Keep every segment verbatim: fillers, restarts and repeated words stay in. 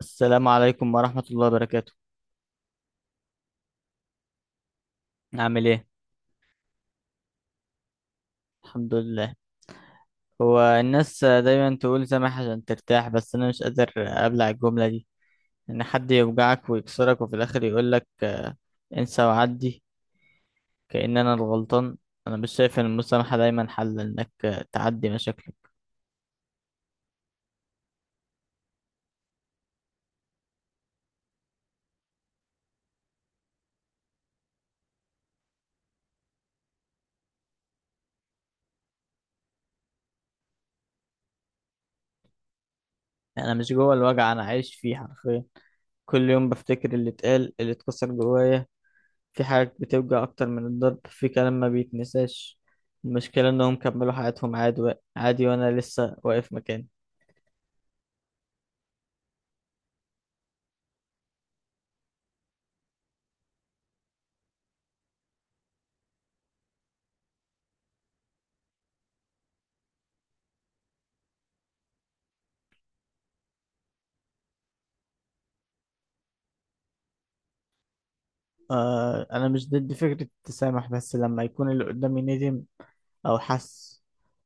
السلام عليكم ورحمة الله وبركاته. عامل ايه؟ الحمد لله. هو الناس دايما تقول سامح عشان ترتاح، بس انا مش قادر ابلع الجملة دي، ان حد يوجعك ويكسرك وفي الاخر يقولك انسى وعدي، كأن انا الغلطان. انا مش شايف ان المسامحة دايما حل انك تعدي مشاكلك. انا مش جوه الوجع، انا عايش فيه حرفيا. كل يوم بفتكر اللي اتقال، اللي اتكسر جوايا. في حاجات بتوجع أكتر من الضرب، في كلام ما بيتنساش. المشكلة إنهم كملوا حياتهم عادي عادي، وأنا لسه واقف مكاني. آه، انا مش ضد فكرة التسامح، بس لما يكون اللي قدامي ندم او حس،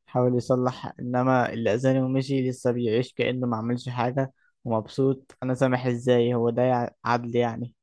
حاول يصلح. انما اللي اذاني ومشي لسه بيعيش كأنه ما عملش حاجة ومبسوط، انا سامح ازاي؟ هو ده يع- عدل يعني؟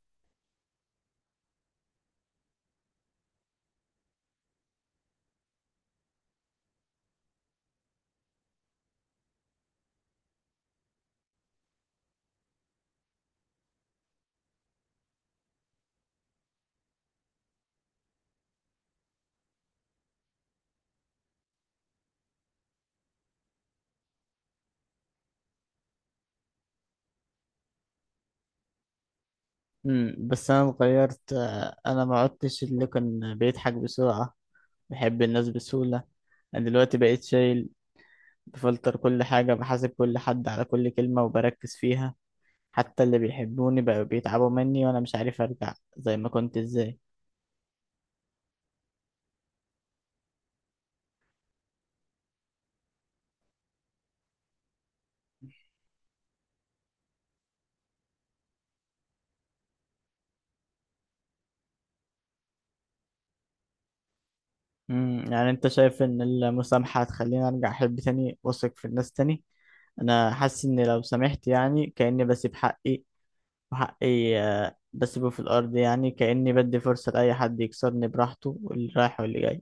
امم بس انا اتغيرت آه، انا ما عدتش اللي كان بيضحك بسرعة، بحب الناس بسهولة. انا دلوقتي بقيت شايل، بفلتر كل حاجة، بحاسب كل حد على كل كلمة وبركز فيها. حتى اللي بيحبوني بقوا بيتعبوا مني، وأنا مش عارف أرجع زي ما كنت إزاي. مم. يعني أنت شايف إن المسامحة هتخليني أرجع أحب تاني وأثق في الناس تاني؟ أنا حاسس إن لو سامحت يعني كأني بسيب حقي، وحقي آه، بسيبه في الأرض، يعني كأني بدي فرصة لأي حد يكسرني براحته، واللي رايح واللي جاي.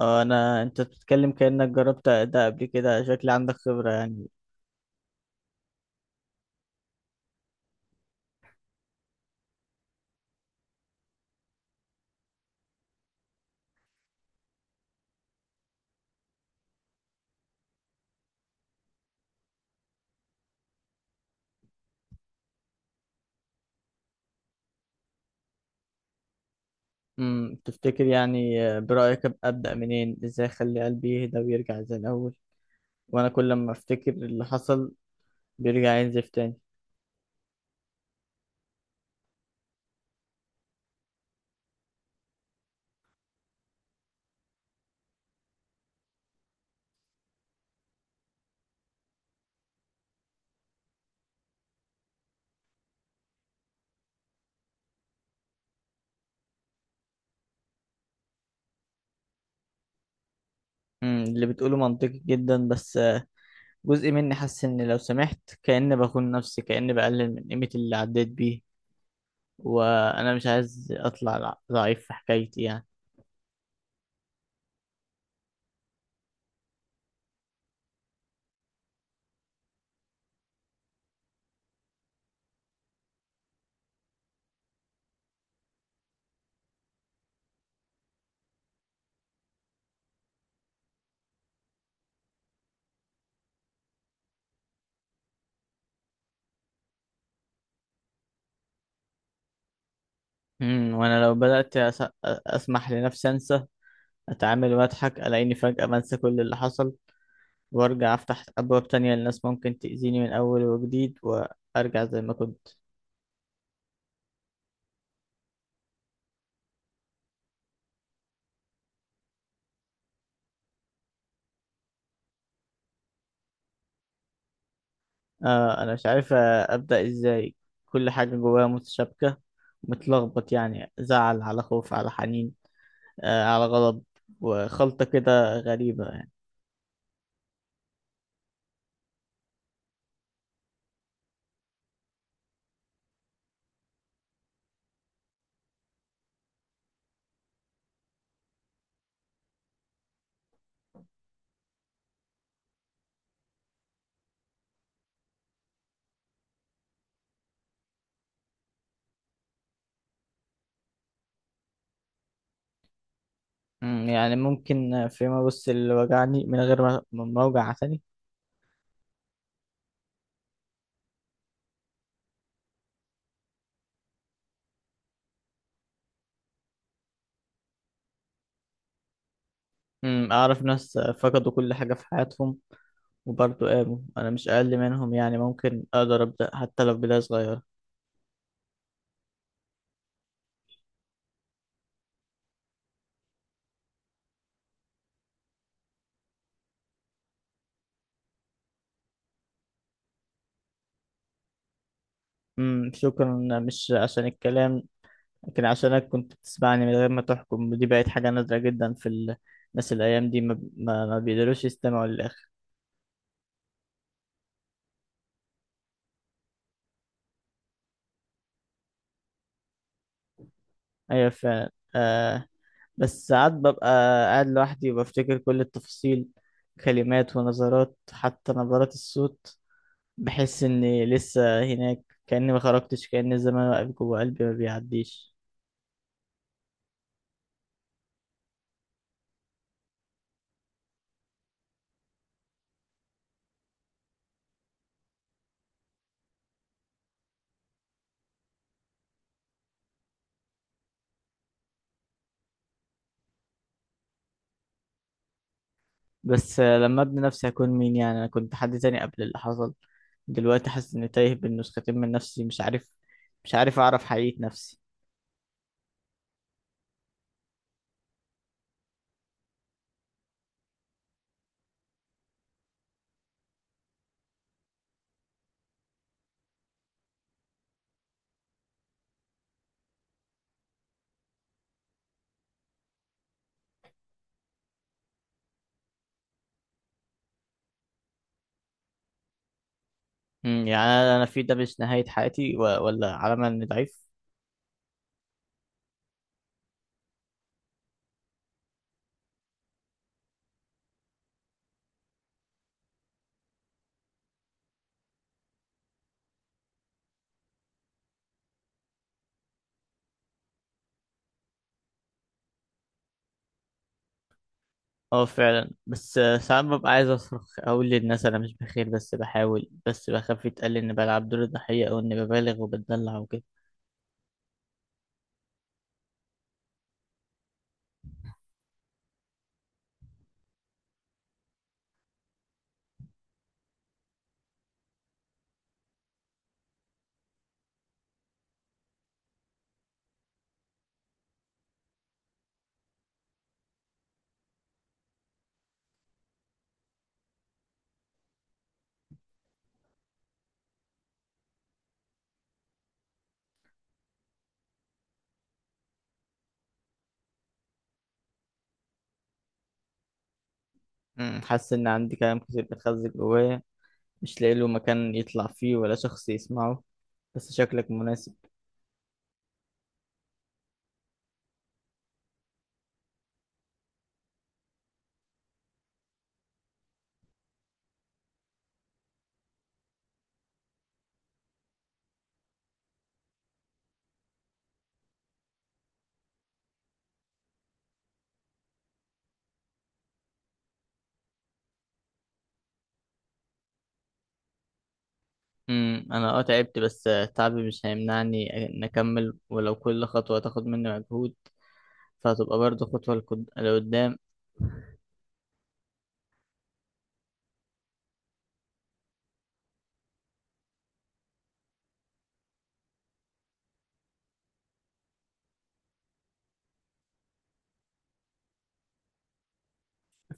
آه، أنا أنت بتتكلم كأنك جربت ده قبل كده، شكلي عندك خبرة يعني. امم تفتكر يعني آه، برأيك أب- أبدأ منين؟ ازاي اخلي قلبي يهدى ويرجع زي الأول؟ وانا كل ما افتكر اللي حصل بيرجع ينزف تاني. امم اللي بتقوله منطقي جدا، بس آه، جزء مني حاسس ان لو سمحت كأني بخون نفسي، كأني بقلل من قيمة اللي عديت بيه، وانا مش عايز اطلع ضع- ضعيف في حكايتي يعني. امم وانا لو بدأت أس- أ- اسمح لنفسي انسى، اتعامل واضحك، الاقيني فجأة بنسى كل اللي حصل وارجع افتح ابواب تانية للناس، ممكن تأذيني من اول وجديد وارجع زي ما كنت. آه، انا مش عارف آه، ابدأ ازاي. كل حاجة جوايا متشابكة، متلخبط يعني، زعل على خوف على حنين آه على غضب، وخلطة كده غريبة يعني. مم، يعني ممكن آه، فيما بص اللي وجعني من غير ما ما اوجع تاني؟ مم، اعرف ناس آه، فقدوا كل حاجة في حياتهم وبرضه قاموا، انا مش اقل منهم يعني، ممكن اقدر ابدأ حتى لو بداية صغيرة. امم شكرا، مش عشان الكلام، لكن عشانك كنت بتسمعني من غير ما تحكم، ودي بقت حاجة نادرة جدا في ال- الناس الأيام دي ما, ما, ما بيقدروش يستمعوا للآخر. أيوة فعلا آه. بس ساعات ببقى قاعد لوحدي وبفتكر كل التفاصيل، كلمات ونظرات حتى نبرات الصوت. بحس إني لسه هناك، كأني ما خرجتش، كأن الزمان واقف جوه قلبي ما بيعديش. بس آه، لما ابني نفسي هكون مين يعني؟ انا كنت حد تاني قبل اللي حصل، دلوقتي حاسس اني تايه بين نسختين من نفسي، مش عارف مش عارف اعرف حقيقة نفسي. امم يعني انا أنا في ده مش نهاية حياتي و- ولا علامة اني ضعيف. اه فعلا، بس آه، ساعات ببقى عايز اصرخ اقول للناس انا مش بخير، بس بحاول، بس بخاف يتقال اني بلعب دور الضحية او اني ببالغ وبتدلع وكده. امم حاسس ان عندي كلام كتير بتخزن جوايا، مش لاقي له مكان يطلع فيه ولا شخص يسمعه، بس شكلك مناسب. امم انا اه تعبت، بس آه، تعبي مش هيمنعني ان اكمل، ولو كل خطوه تاخد مني مجهود فهتبقى برضه خطوه لقد- لقدام.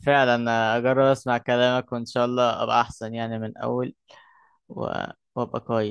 فعلا آه، اجرب اسمع كلامك وان شاء الله ابقى احسن يعني من اول و- وابقى كويس.